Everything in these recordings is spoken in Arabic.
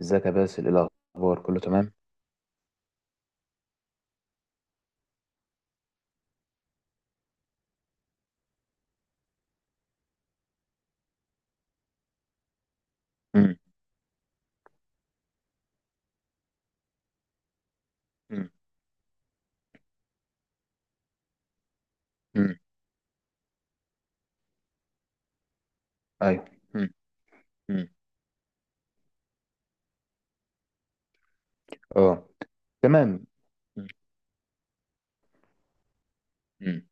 ازيك يا باسل، ايه الاخبار؟ كله تمام. مم. مم. مم. ايوه. مم. مم. اه، تمام. مم. مم.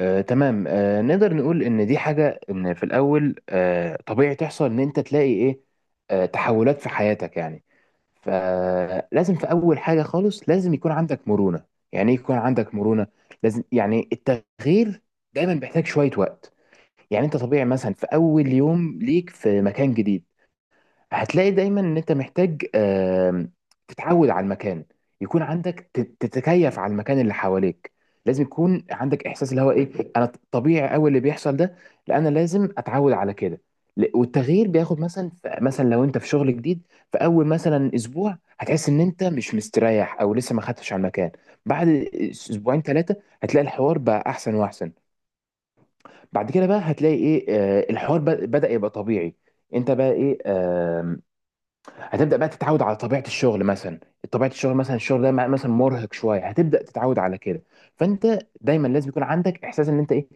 تمام. نقدر نقول ان دي حاجه، ان في الاول طبيعي تحصل ان انت تلاقي ايه تحولات في حياتك يعني. فلازم في اول حاجه خالص لازم يكون عندك مرونه. يعني ايه يكون عندك مرونه؟ لازم يعني التغيير دايما بيحتاج شويه وقت. يعني انت طبيعي مثلا في اول يوم ليك في مكان جديد هتلاقي دايما ان انت محتاج تتعود على المكان، يكون عندك تتكيف على المكان اللي حواليك. لازم يكون عندك احساس اللي هو ايه، انا طبيعي قوي اللي بيحصل ده، لا انا لازم اتعود على كده. والتغيير بياخد مثلا، مثلا لو انت في شغل جديد، في اول مثلا اسبوع هتحس ان انت مش مستريح او لسه ما خدتش على المكان. بعد اسبوعين ثلاثه هتلاقي الحوار بقى احسن واحسن. بعد كده بقى هتلاقي ايه، الحوار بدأ يبقى طبيعي. انت بقى ايه، هتبدا بقى تتعود على طبيعه الشغل مثلا. طبيعه الشغل مثلا، الشغل ده مثلا مرهق شويه، هتبدا تتعود على كده. فانت دايما لازم يكون عندك احساس ان انت ايه،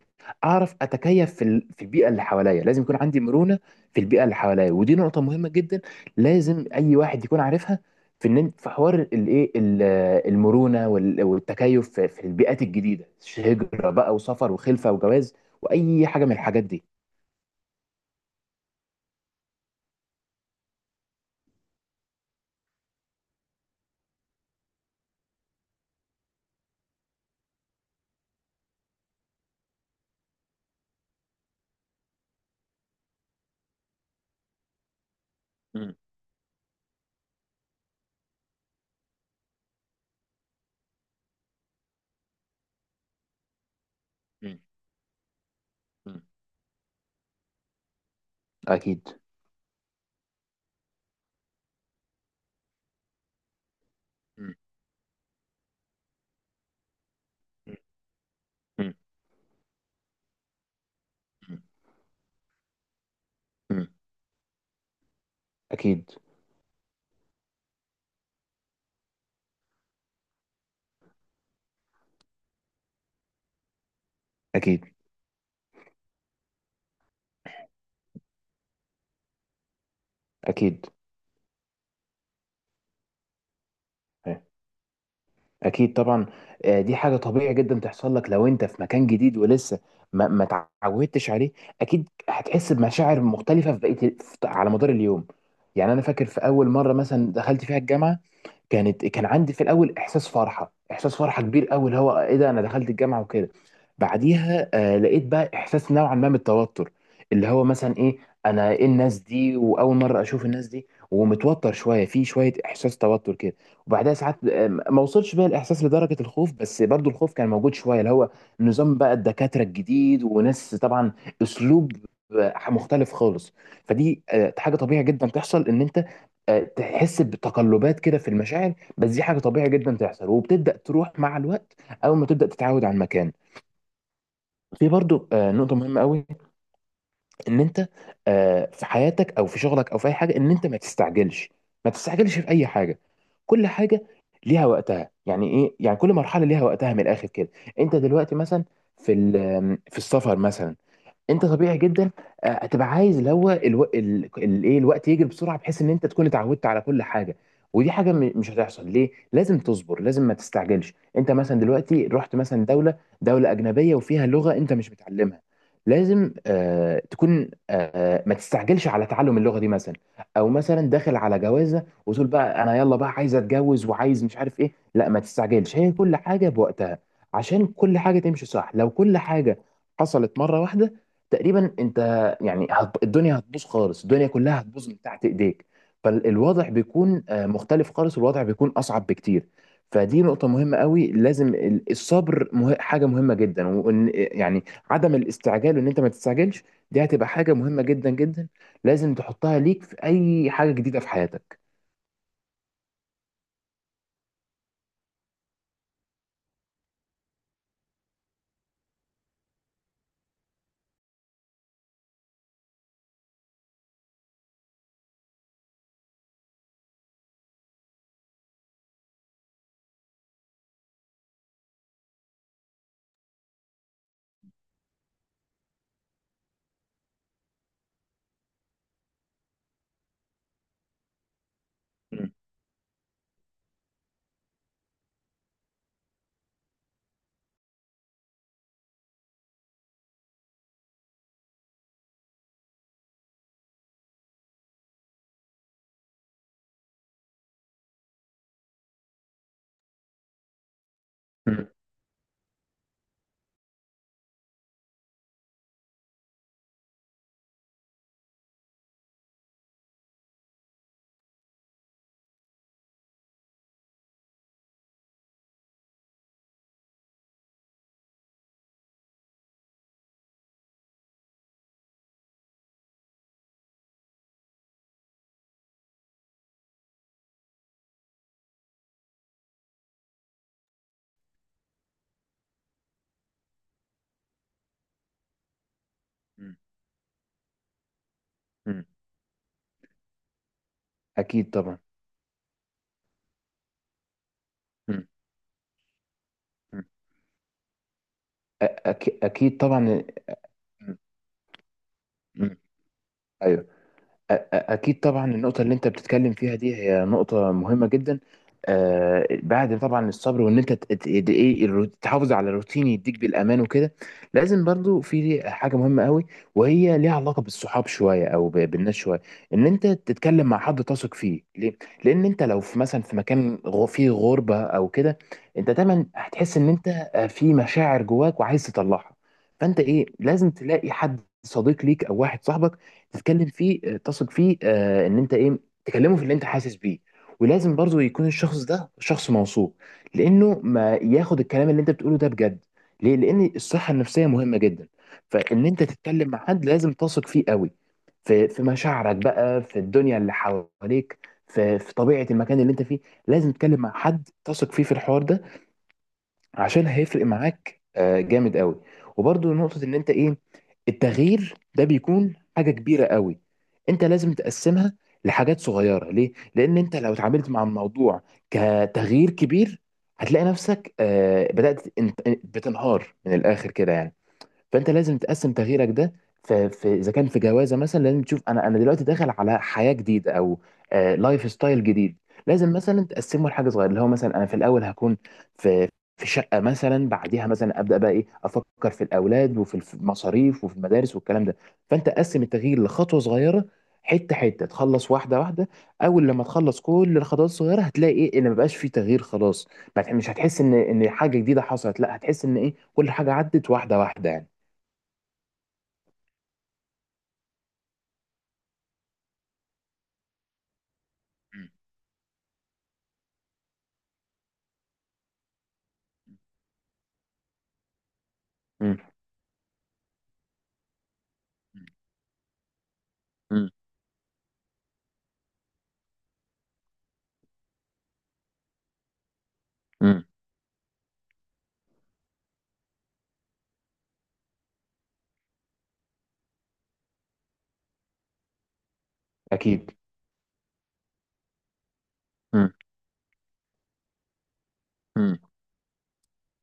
اعرف اتكيف في في البيئه اللي حواليا. لازم يكون عندي مرونه في البيئه اللي حواليا، ودي نقطه مهمه جدا لازم اي واحد يكون عارفها، في ان في حوار الايه المرونه والتكيف في البيئات الجديده، هجره بقى وسفر وخلفه وجواز واي حاجه من الحاجات دي. مم. مم. مم. اكيد. مم. مم. مم. اكيد. اكيد. اكيد. اكيد طبعا. دي حاجه طبيعي جدا تحصل لك لو انت في مكان جديد ولسه ما اتعودتش عليه. اكيد هتحس بمشاعر مختلفه في على مدار اليوم. يعني انا فاكر في اول مره مثلا دخلت فيها الجامعه، كان عندي في الاول احساس فرحه، احساس فرحه كبير قوي، اللي هو ايه، ده انا دخلت الجامعه وكده. بعديها لقيت بقى احساس نوعا ما بالتوتر، اللي هو مثلا ايه، انا ايه الناس دي، واول مره اشوف الناس دي ومتوتر شويه، في شويه احساس توتر كده. وبعدها ساعات ما وصلش بقى الاحساس لدرجه الخوف، بس برضو الخوف كان موجود شويه، اللي هو نظام بقى الدكاتره الجديد وناس طبعا، اسلوب مختلف خالص. فدي حاجه طبيعي جدا تحصل ان انت تحس بتقلبات كده في المشاعر، بس دي حاجه طبيعي جدا تحصل وبتبدا تروح مع الوقت، اول ما تبدا تتعود على المكان. في برضو نقطه مهمه قوي ان انت في حياتك او في شغلك او في اي حاجه ان انت ما تستعجلش. ما تستعجلش في اي حاجه، كل حاجه ليها وقتها. يعني ايه؟ يعني كل مرحله ليها وقتها من الاخر كده. انت دلوقتي مثلا في في السفر مثلا، انت طبيعي جدا هتبقى عايز اللي هو الو... ال... ال... ايه الوقت يجري بسرعه بحيث ان انت تكون اتعودت على كل حاجه. ودي حاجه مش هتحصل. ليه؟ لازم تصبر، لازم ما تستعجلش. انت مثلا دلوقتي رحت مثلا دوله، دوله اجنبيه وفيها لغه انت مش متعلمها، لازم تكون ما تستعجلش على تعلم اللغه دي مثلا. او مثلا داخل على جوازه وتقول بقى انا يلا بقى عايز اتجوز وعايز مش عارف ايه، لا ما تستعجلش، هي كل حاجه بوقتها عشان كل حاجه تمشي صح. لو كل حاجه حصلت مره واحده، تقريبا انت الدنيا هتبوظ خالص، الدنيا كلها هتبوظ من تحت ايديك. فالوضع بيكون مختلف خالص، والوضع بيكون اصعب بكتير. فدي نقطة مهمة قوي، لازم الصبر، حاجة مهمة جدا، وان يعني عدم الاستعجال وان انت ما تستعجلش، دي هتبقى حاجة مهمة جدا جدا لازم تحطها ليك في اي حاجة جديدة في حياتك. مم. مم. مم. مم. اكيد طبعا. مم. مم. اكيد طبعا. مم. مم. أيوه. أكيد طبعا. النقطة اللي أنت بتتكلم فيها دي هي نقطة مهمة جدا، بعد طبعا الصبر، وإن أنت تحافظ على الروتين يديك بالأمان وكده. لازم برضو في حاجة مهمة قوي، وهي ليها علاقة بالصحاب شوية أو بالناس شوية، إن أنت تتكلم مع حد تثق فيه. ليه؟ لأن أنت لو في مثلا في مكان فيه غربة أو كده، أنت دايما هتحس إن أنت في مشاعر جواك وعايز تطلعها، فأنت إيه، لازم تلاقي حد صديق ليك أو واحد صاحبك تتكلم فيه، تثق فيه، ان انت ايه، تكلمه في اللي انت حاسس بيه. ولازم برضو يكون الشخص ده شخص موثوق، لانه ما ياخد الكلام اللي انت بتقوله ده بجد. ليه؟ لان الصحه النفسيه مهمه جدا. فان انت تتكلم مع حد لازم تثق فيه قوي، في مشاعرك بقى، في الدنيا اللي حواليك، في طبيعه المكان اللي انت فيه. لازم تتكلم مع حد تثق فيه في الحوار ده عشان هيفرق معاك جامد قوي. وبرضو نقطة ان انت ايه، التغيير ده بيكون حاجة كبيرة قوي، انت لازم تقسمها لحاجات صغيرة. ليه؟ لان انت لو اتعاملت مع الموضوع كتغيير كبير هتلاقي نفسك بتنهار من الاخر كده يعني. فانت لازم تقسم تغييرك ده، في, في اذا كان في جوازه مثلا لازم تشوف، انا دلوقتي داخل على حياه جديده، او لايف ستايل جديد، لازم مثلا تقسمه لحاجه صغيره، اللي هو مثلا انا في الاول هكون في شقه مثلا، بعديها مثلا ابدا بقى ايه، افكر في الاولاد وفي المصاريف وفي المدارس والكلام ده. فانت قسم التغيير لخطوه صغيره، حته حته تخلص واحده واحده. اول لما تخلص كل الخطوات الصغيره هتلاقي ايه، ان مبقاش في تغيير خلاص. ما تح- مش هتحس ان حاجه جديده حصلت، لا هتحس ان ايه، كل حاجه عدت واحده واحده يعني. مم. مم. مم. مم. أكيد. مم. مم.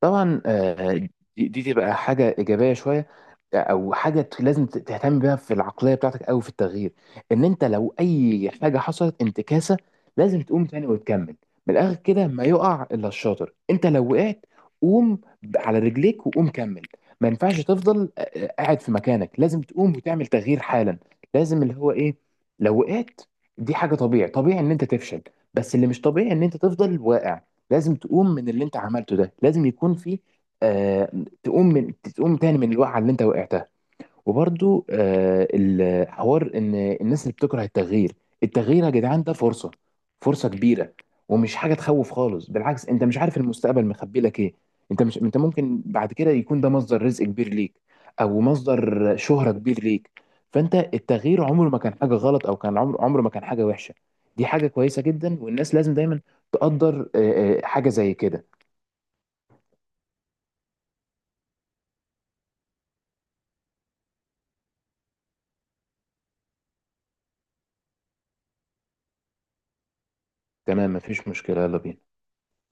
طبعا، دي تبقى حاجه ايجابيه شويه، او حاجه لازم تهتم بيها في العقليه بتاعتك او في التغيير، ان انت لو اي حاجه حصلت انتكاسه لازم تقوم تاني وتكمل. من الاخر كده ما يقع الا الشاطر، انت لو وقعت قوم على رجليك وقوم كمل. ما ينفعش تفضل قاعد في مكانك، لازم تقوم وتعمل تغيير حالا. لازم اللي هو ايه، لو وقعت، دي حاجه طبيعي، طبيعي ان انت تفشل، بس اللي مش طبيعي ان انت تفضل واقع. لازم تقوم من اللي انت عملته ده، لازم يكون في آه تقوم تاني من الوقعه اللي انت وقعتها. وبرضو الحوار ان الناس اللي بتكره التغيير، التغيير يا جدعان ده فرصة، فرصة كبيرة، ومش حاجة تخوف خالص، بالعكس انت مش عارف المستقبل مخبي لك ايه. انت مش انت ممكن بعد كده يكون ده مصدر رزق كبير ليك، او مصدر شهرة كبير ليك. فانت التغيير عمره ما كان حاجة غلط، او كان عمره عمره ما كان حاجة وحشة، دي حاجة كويسة جدا والناس لازم دايما تقدر حاجة زي كده. تمام، مفيش مشكلة، يلا بينا.